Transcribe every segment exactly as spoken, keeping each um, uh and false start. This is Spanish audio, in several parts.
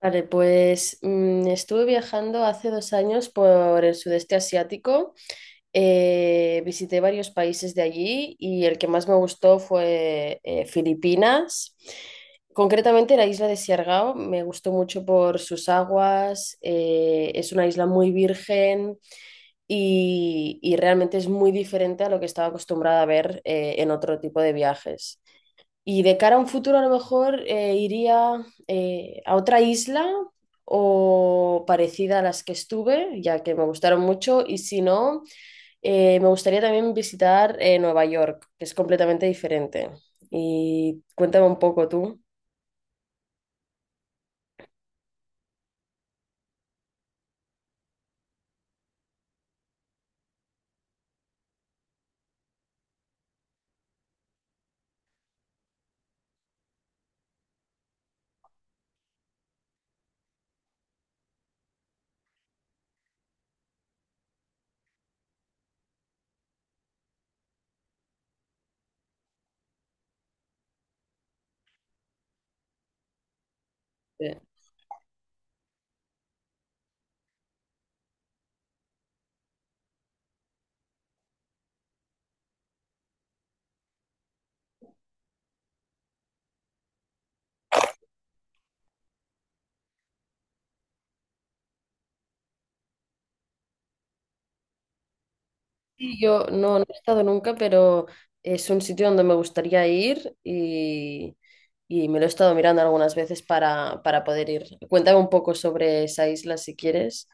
Vale, pues mm, estuve viajando hace dos años por el sudeste asiático. Eh, visité varios países de allí y el que más me gustó fue eh, Filipinas, concretamente la isla de Siargao. Me gustó mucho por sus aguas. Eh, es una isla muy virgen y, y realmente es muy diferente a lo que estaba acostumbrada a ver eh, en otro tipo de viajes. Y de cara a un futuro, a lo mejor eh, iría eh, a otra isla o parecida a las que estuve, ya que me gustaron mucho. Y si no, eh, me gustaría también visitar eh, Nueva York, que es completamente diferente. Y cuéntame un poco tú. Eh, sí. Yo no, no he estado nunca, pero es un sitio donde me gustaría ir y, y me lo he estado mirando algunas veces para, para poder ir. Cuéntame un poco sobre esa isla si quieres.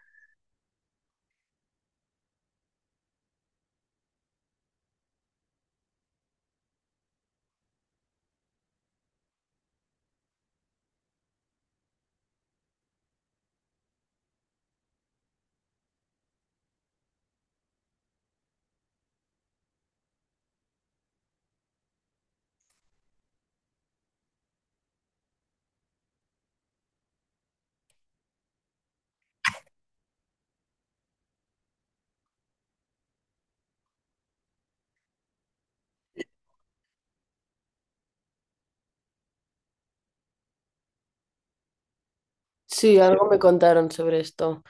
Sí, algo me contaron sobre esto.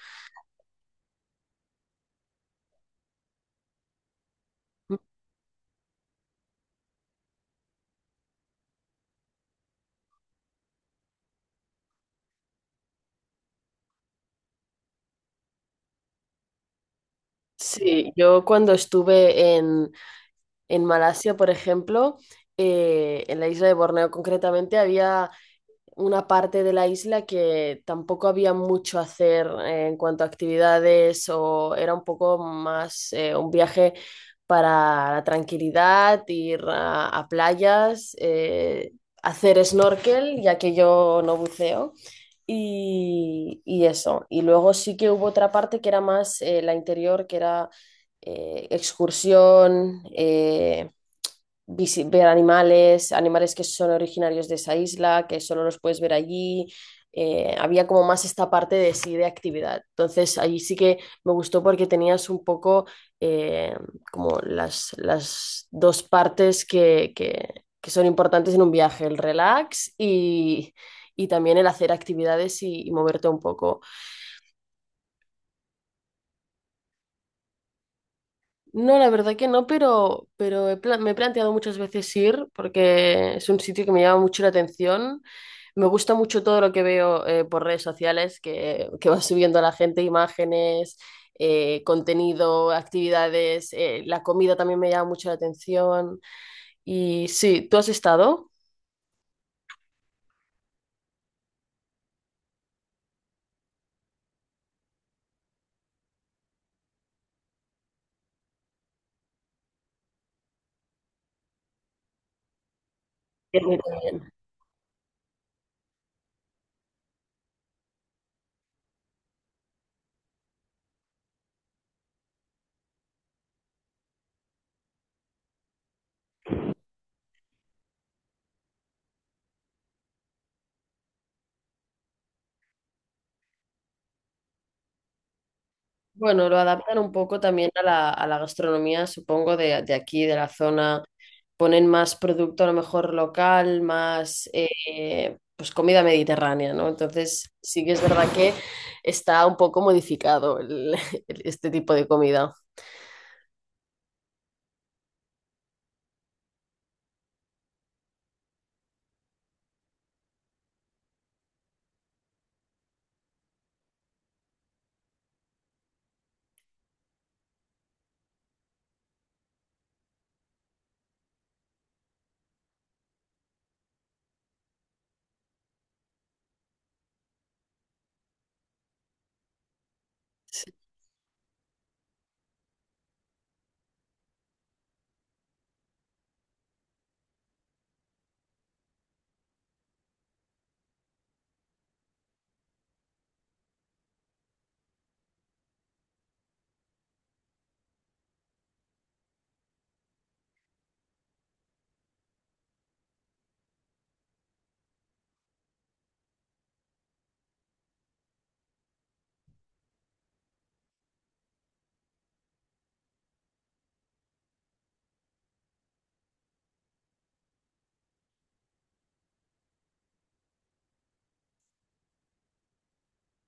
Sí, yo cuando estuve en, en Malasia, por ejemplo, eh, en la isla de Borneo concretamente, había una parte de la isla que tampoco había mucho hacer eh, en cuanto a actividades, o era un poco más eh, un viaje para la tranquilidad, ir a, a playas, eh, hacer snorkel, ya que yo no buceo. Y, y eso. Y luego sí que hubo otra parte que era más eh, la interior, que era eh, excursión, eh, visi- ver animales, animales que son originarios de esa isla, que solo los puedes ver allí. Eh, había como más esta parte de sí, de actividad. Entonces, allí sí que me gustó porque tenías un poco eh, como las, las dos partes que, que- que son importantes en un viaje, el relax y, y también el hacer actividades y, y moverte un poco. No, la verdad que no, pero, pero he pla- me he planteado muchas veces ir porque es un sitio que me llama mucho la atención. Me gusta mucho todo lo que veo eh, por redes sociales, que, que va subiendo la gente, imágenes, eh, contenido, actividades. Eh, la comida también me llama mucho la atención. Y sí, ¿tú has estado? Sí, a mí también. Bueno, lo adaptan un poco también a la, a la gastronomía, supongo, de, de aquí, de la zona. Ponen más producto a lo mejor local, más eh, pues comida mediterránea, ¿no? Entonces sí que es verdad que está un poco modificado el- el- este tipo de comida.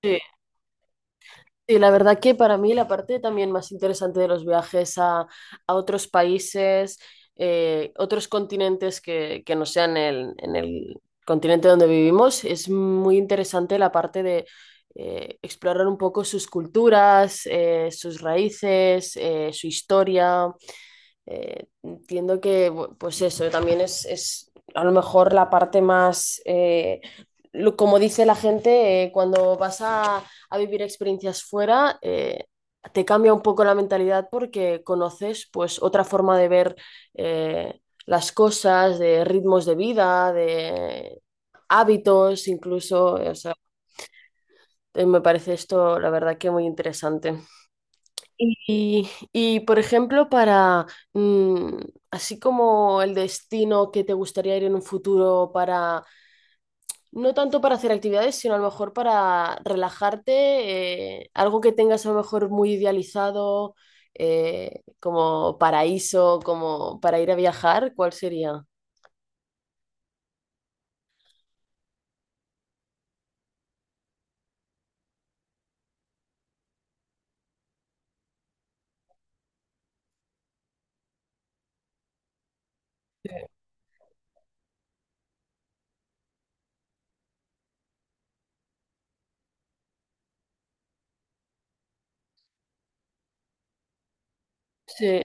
Sí. Sí, la verdad que para mí la parte también más interesante de los viajes a, a otros países, eh, otros continentes que, que no sean el- en el continente donde vivimos, es muy interesante la parte de eh, explorar un poco sus culturas, eh, sus raíces, eh, su historia. Eh, entiendo que, bu- pues eso, también es, es a lo mejor la parte más, eh, lo- como dice la gente, eh, cuando vas a, a vivir experiencias fuera, eh, te cambia un poco la mentalidad porque conoces pues otra forma de ver eh, las cosas, de ritmos de vida, de hábitos, incluso, o sea, eh, me parece esto, la verdad que muy interesante. Y, y, por ejemplo, para mm, así como el destino que te gustaría ir en un futuro para, no tanto para hacer actividades, sino a lo mejor para relajarte, eh, algo que tengas a lo mejor muy idealizado, eh, como paraíso, como para ir a viajar, ¿cuál sería? Sí.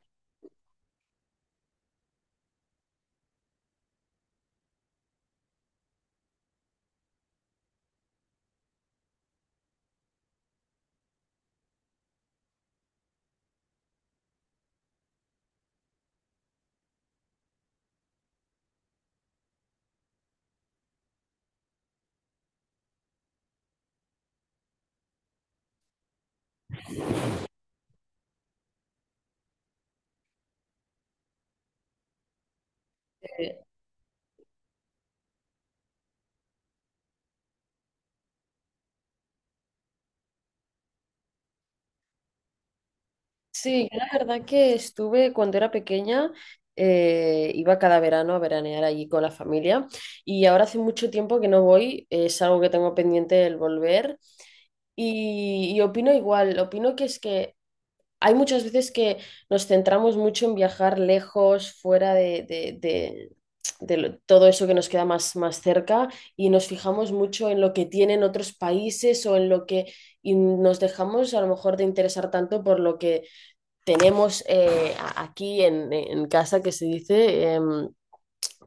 Sí, yo la verdad que estuve cuando era pequeña, eh, iba cada verano a veranear allí con la familia y ahora hace mucho tiempo que no voy, es algo que tengo pendiente el volver y, y opino igual, opino que es que hay muchas veces que nos centramos mucho en viajar lejos, fuera de, de- de- de lo- todo eso que nos queda más, más cerca y nos fijamos mucho en lo que tienen otros países o en lo que... Y nos dejamos a lo mejor de interesar tanto por lo que tenemos eh, a- aquí en, en casa, que se dice, em,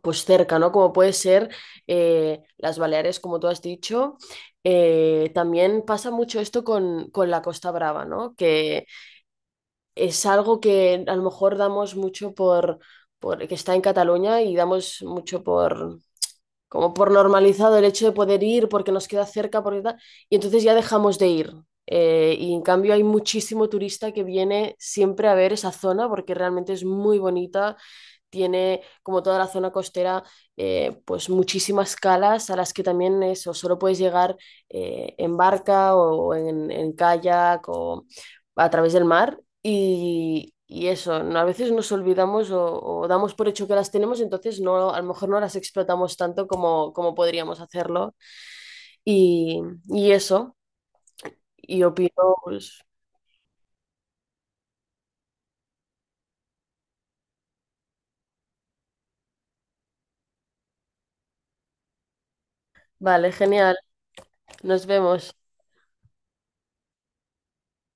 pues cerca, ¿no? Como puede ser eh, las Baleares, como tú has dicho. Eh, también pasa mucho esto con, con la Costa Brava, ¿no? Que es algo que a lo mejor damos mucho por, por que está en Cataluña, y damos mucho por, como por normalizado, el hecho de poder ir porque nos queda cerca, porque tal, y entonces ya dejamos de ir. Eh, y en cambio hay muchísimo turista que viene siempre a ver esa zona porque realmente es muy bonita, tiene, como toda la zona costera, eh, pues muchísimas calas a las que también eso, solo puedes llegar eh, en barca o en, en kayak o a través del mar. Y, y eso, no- a veces nos olvidamos o, o damos por hecho que las tenemos, entonces no, a lo mejor no las explotamos tanto como, como podríamos hacerlo. Y, y eso, y opino, pues, vale, genial, nos vemos.